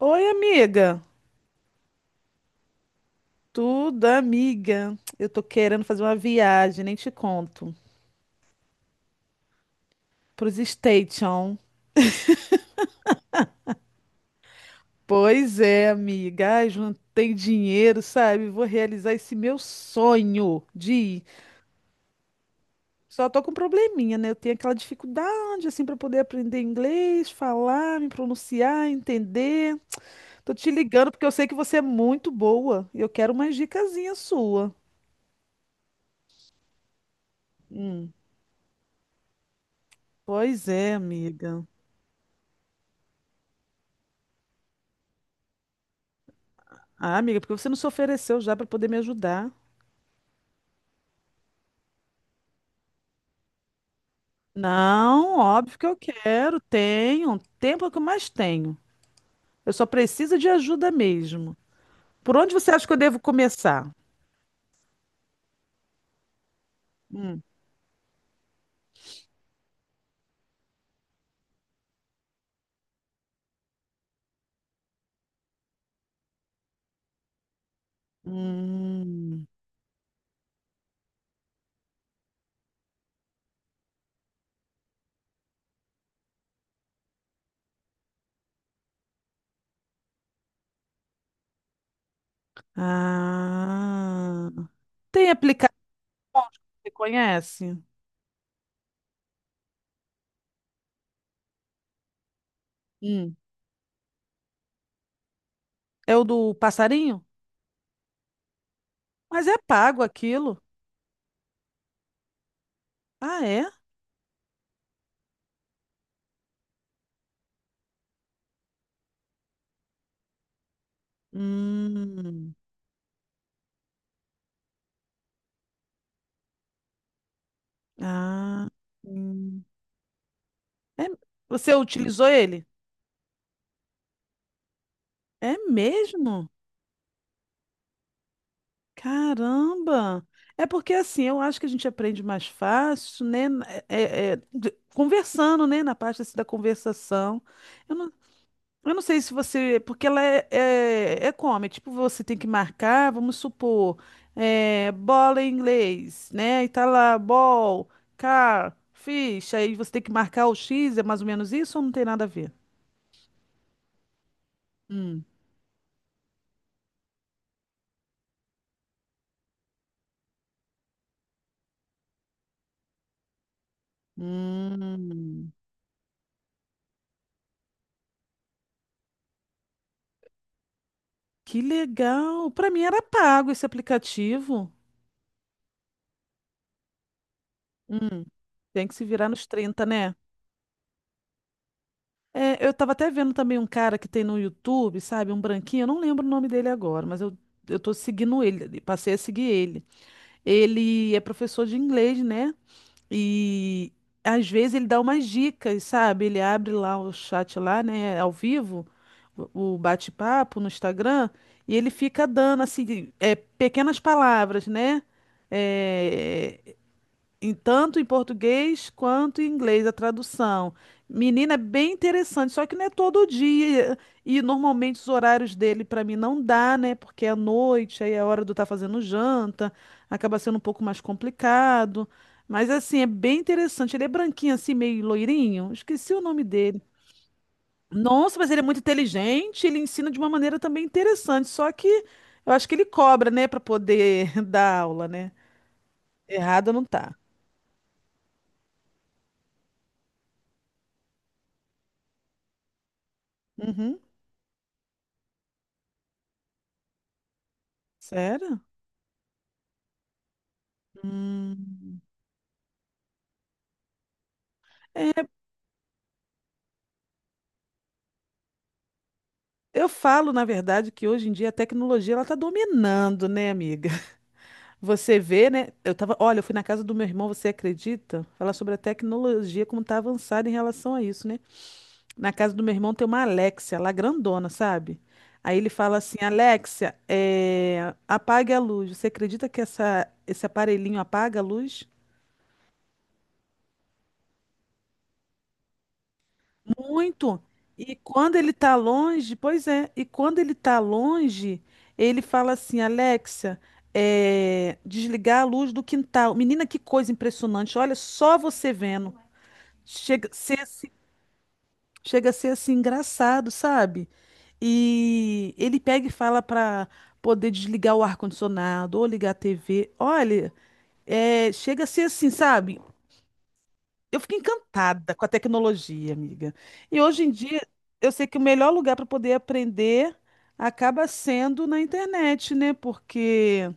Oi, amiga. Tudo, amiga. Eu tô querendo fazer uma viagem, nem te conto. Pros Station. Pois é, amiga. Ai, juntei dinheiro, sabe? Vou realizar esse meu sonho de ir. Só tô com um probleminha, né? Eu tenho aquela dificuldade, assim, para poder aprender inglês, falar, me pronunciar, entender. Tô te ligando porque eu sei que você é muito boa e eu quero uma dicasinha sua. Pois é, amiga. Ah, amiga, porque você não se ofereceu já para poder me ajudar? Não, óbvio que eu quero. Tenho. Tempo é o que eu mais tenho. Eu só preciso de ajuda mesmo. Por onde você acha que eu devo começar? Hum, ah, tem aplicativo que você conhece? Hum, é o do passarinho? Mas é pago aquilo. Ah, é? Hum, ah, hum. É- Você utilizou ele? É mesmo? Caramba! É porque assim, eu acho que a gente aprende mais fácil, né? Conversando, né? Na parte assim, da conversação. Eu não, eu não sei se você. Porque ela é como? É tipo, você tem que marcar, vamos supor, é, bola em inglês, né? E tá lá, ball, car, fish. Aí você tem que marcar o X, é mais ou menos isso ou não tem nada a ver? Hum. Hum. Que legal! Pra mim era pago esse aplicativo. Tem que se virar nos 30, né? É, eu tava até vendo também um cara que tem no YouTube, sabe? Um branquinho, eu não lembro o nome dele agora, eu tô seguindo ele, passei a seguir ele. Ele é professor de inglês, né? E às vezes ele dá umas dicas, sabe? Ele abre lá o chat lá, né? Ao vivo, o bate-papo no Instagram, e ele fica dando, assim, é, pequenas palavras, né? É, tanto em português quanto em inglês a tradução. Menina, é bem interessante, só que não é todo dia. E normalmente os horários dele para mim não dá, né? Porque é à noite, aí é a hora do estar fazendo janta, acaba sendo um pouco mais complicado. Mas assim, é bem interessante. Ele é branquinho assim, meio loirinho. Esqueci o nome dele. Nossa, mas ele é muito inteligente, ele ensina de uma maneira também interessante, só que eu acho que ele cobra, né, para poder dar aula, né? Errado não tá. Uhum. Sério? Hum. É, eu falo, na verdade, que hoje em dia a tecnologia ela está dominando, né, amiga? Você vê, né? Eu tava, olha, eu fui na casa do meu irmão, você acredita? Falar sobre a tecnologia, como tá avançada em relação a isso, né? Na casa do meu irmão tem uma Alexia, lá grandona, sabe? Aí ele fala assim, Alexia, é, apague a luz. Você acredita que esse aparelhinho apaga a luz? Muito. E quando ele tá longe, ele fala assim, Alexa, é, desligar a luz do quintal. Menina, que coisa impressionante. Olha só você vendo. Chega a ser assim, chega a ser assim engraçado, sabe? E ele pega e fala para poder desligar o ar-condicionado ou ligar a TV. Olha, é, chega a ser assim, sabe? Eu fiquei encantada com a tecnologia, amiga. E hoje em dia, eu sei que o melhor lugar para poder aprender acaba sendo na internet, né? Porque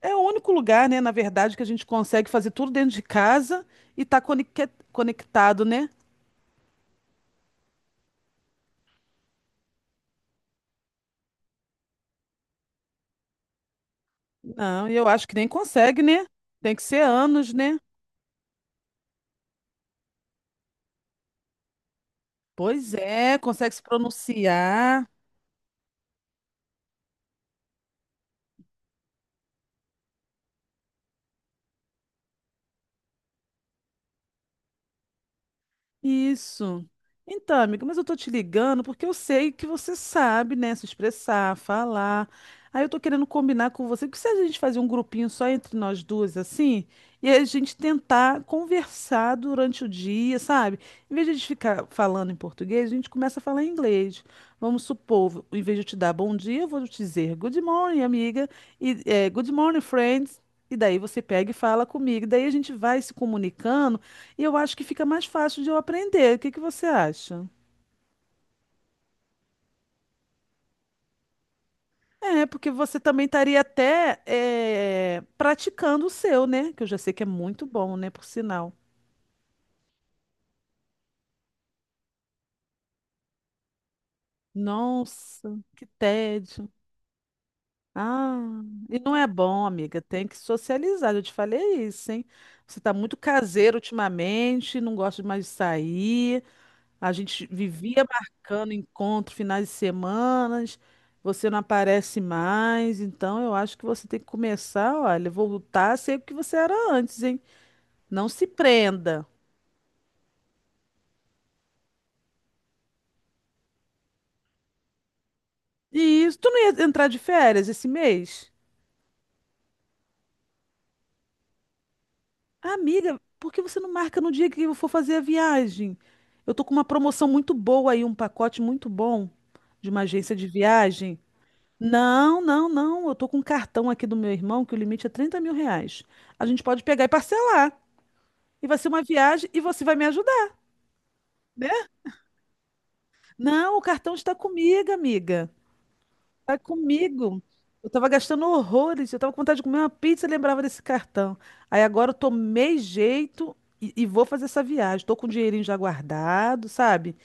é o único lugar, né, na verdade, que a gente consegue fazer tudo dentro de casa e tá conectado, né? Não, eu acho que nem consegue, né? Tem que ser anos, né? Pois é, consegue se pronunciar. Isso. Então, amiga, mas eu tô te ligando porque eu sei que você sabe, né, se expressar, falar. Aí eu tô querendo combinar com você, que se a gente fazer um grupinho só entre nós duas, assim, e a gente tentar conversar durante o dia, sabe? Em vez de a gente ficar falando em português, a gente começa a falar em inglês. Vamos supor, em vez de eu te dar bom dia, eu vou te dizer good morning, amiga, e eh, good morning, friends. E daí você pega e fala comigo. Daí a gente vai se comunicando e eu acho que fica mais fácil de eu aprender. O que que você acha? É, porque você também estaria até eh, praticando o seu, né? Que eu já sei que é muito bom, né? Por sinal. Nossa, que tédio. Ah, e não é bom, amiga. Tem que socializar. Eu te falei isso, hein? Você tá muito caseiro ultimamente, não gosta mais de sair. A gente vivia marcando encontro, finais de semanas, você não aparece mais, então eu acho que você tem que começar, olha, voltar a ser o que você era antes, hein? Não se prenda. E isso, tu não ia entrar de férias esse mês? Amiga, por que você não marca no dia que eu for fazer a viagem? Eu tô com uma promoção muito boa aí, um pacote muito bom de uma agência de viagem. Não. Eu tô com um cartão aqui do meu irmão que o limite é 30 mil reais. A gente pode pegar e parcelar. E vai ser uma viagem e você vai me ajudar, né? Não, o cartão está comigo, amiga. Está comigo. Eu estava gastando horrores. Eu estava com vontade de comer uma pizza e lembrava desse cartão. Aí agora eu tomei jeito e vou fazer essa viagem. Estou com o dinheirinho já guardado, sabe?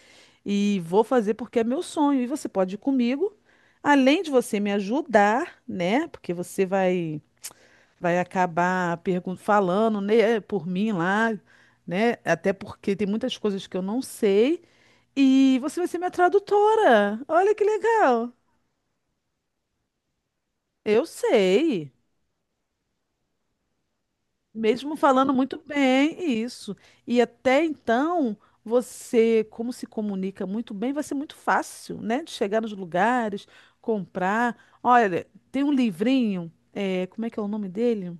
E vou fazer porque é meu sonho. E você pode ir comigo. Além de você me ajudar, né? Porque vai acabar falando, né, por mim lá, né? Até porque tem muitas coisas que eu não sei. E você vai ser minha tradutora. Olha que legal. Eu sei, mesmo falando muito bem isso. E até então, você, como se comunica muito bem, vai ser muito fácil, né? De chegar nos lugares, comprar. Olha, tem um livrinho, é, como é que é o nome dele?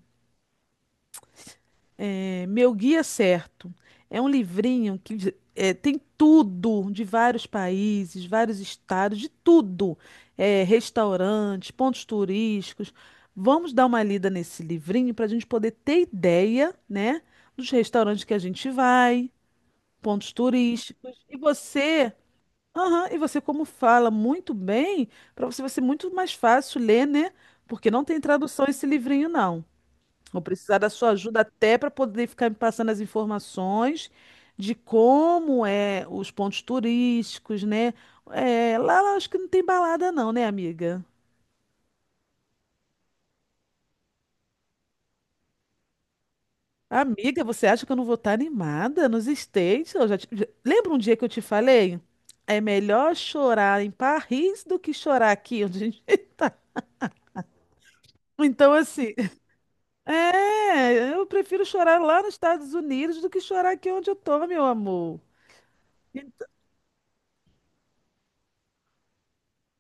É, Meu Guia Certo é um livrinho é, tem tudo de vários países, vários estados, de tudo. É, restaurantes, pontos turísticos. Vamos dar uma lida nesse livrinho para a gente poder ter ideia, né, dos restaurantes que a gente vai, pontos turísticos. E você, aham, e você como fala muito bem, para você vai ser muito mais fácil ler, né? Porque não tem tradução esse livrinho, não. Vou precisar da sua ajuda até para poder ficar me passando as informações de como é os pontos turísticos, né? É, lá acho que não tem balada não, né, amiga? Amiga, você acha que eu não vou estar animada nos States? Eu lembra um dia que eu te falei? É melhor chorar em Paris do que chorar aqui onde a gente está. Então, assim, é, eu prefiro chorar lá nos Estados Unidos do que chorar aqui onde eu tô, meu amor.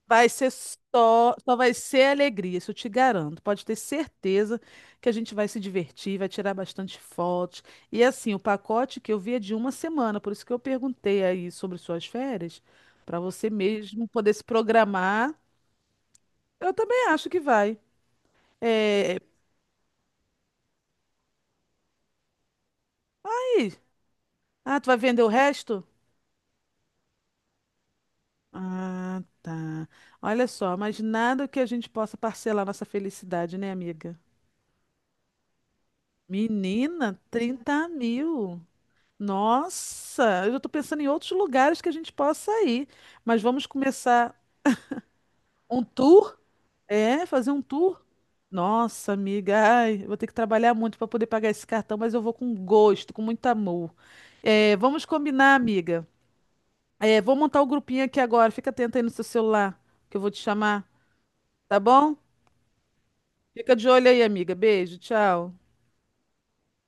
Só vai ser alegria, isso eu te garanto. Pode ter certeza que a gente vai se divertir, vai tirar bastante fotos. E assim, o pacote que eu vi é de uma semana, por isso que eu perguntei aí sobre suas férias, para você mesmo poder se programar. Eu também acho que vai. É... aí? Ah, tu vai vender o resto? Ah, tá. Olha só, mas nada que a gente possa parcelar nossa felicidade, né, amiga? Menina, 30 mil. Nossa, eu já estou pensando em outros lugares que a gente possa ir. Mas vamos começar um tour? É, fazer um tour? Nossa, amiga, ai, eu vou ter que trabalhar muito para poder pagar esse cartão, mas eu vou com gosto, com muito amor. É, vamos combinar, amiga. É, vou montar o grupinho aqui agora. Fica atenta aí no seu celular, que eu vou te chamar, tá bom? Fica de olho aí, amiga. Beijo, tchau.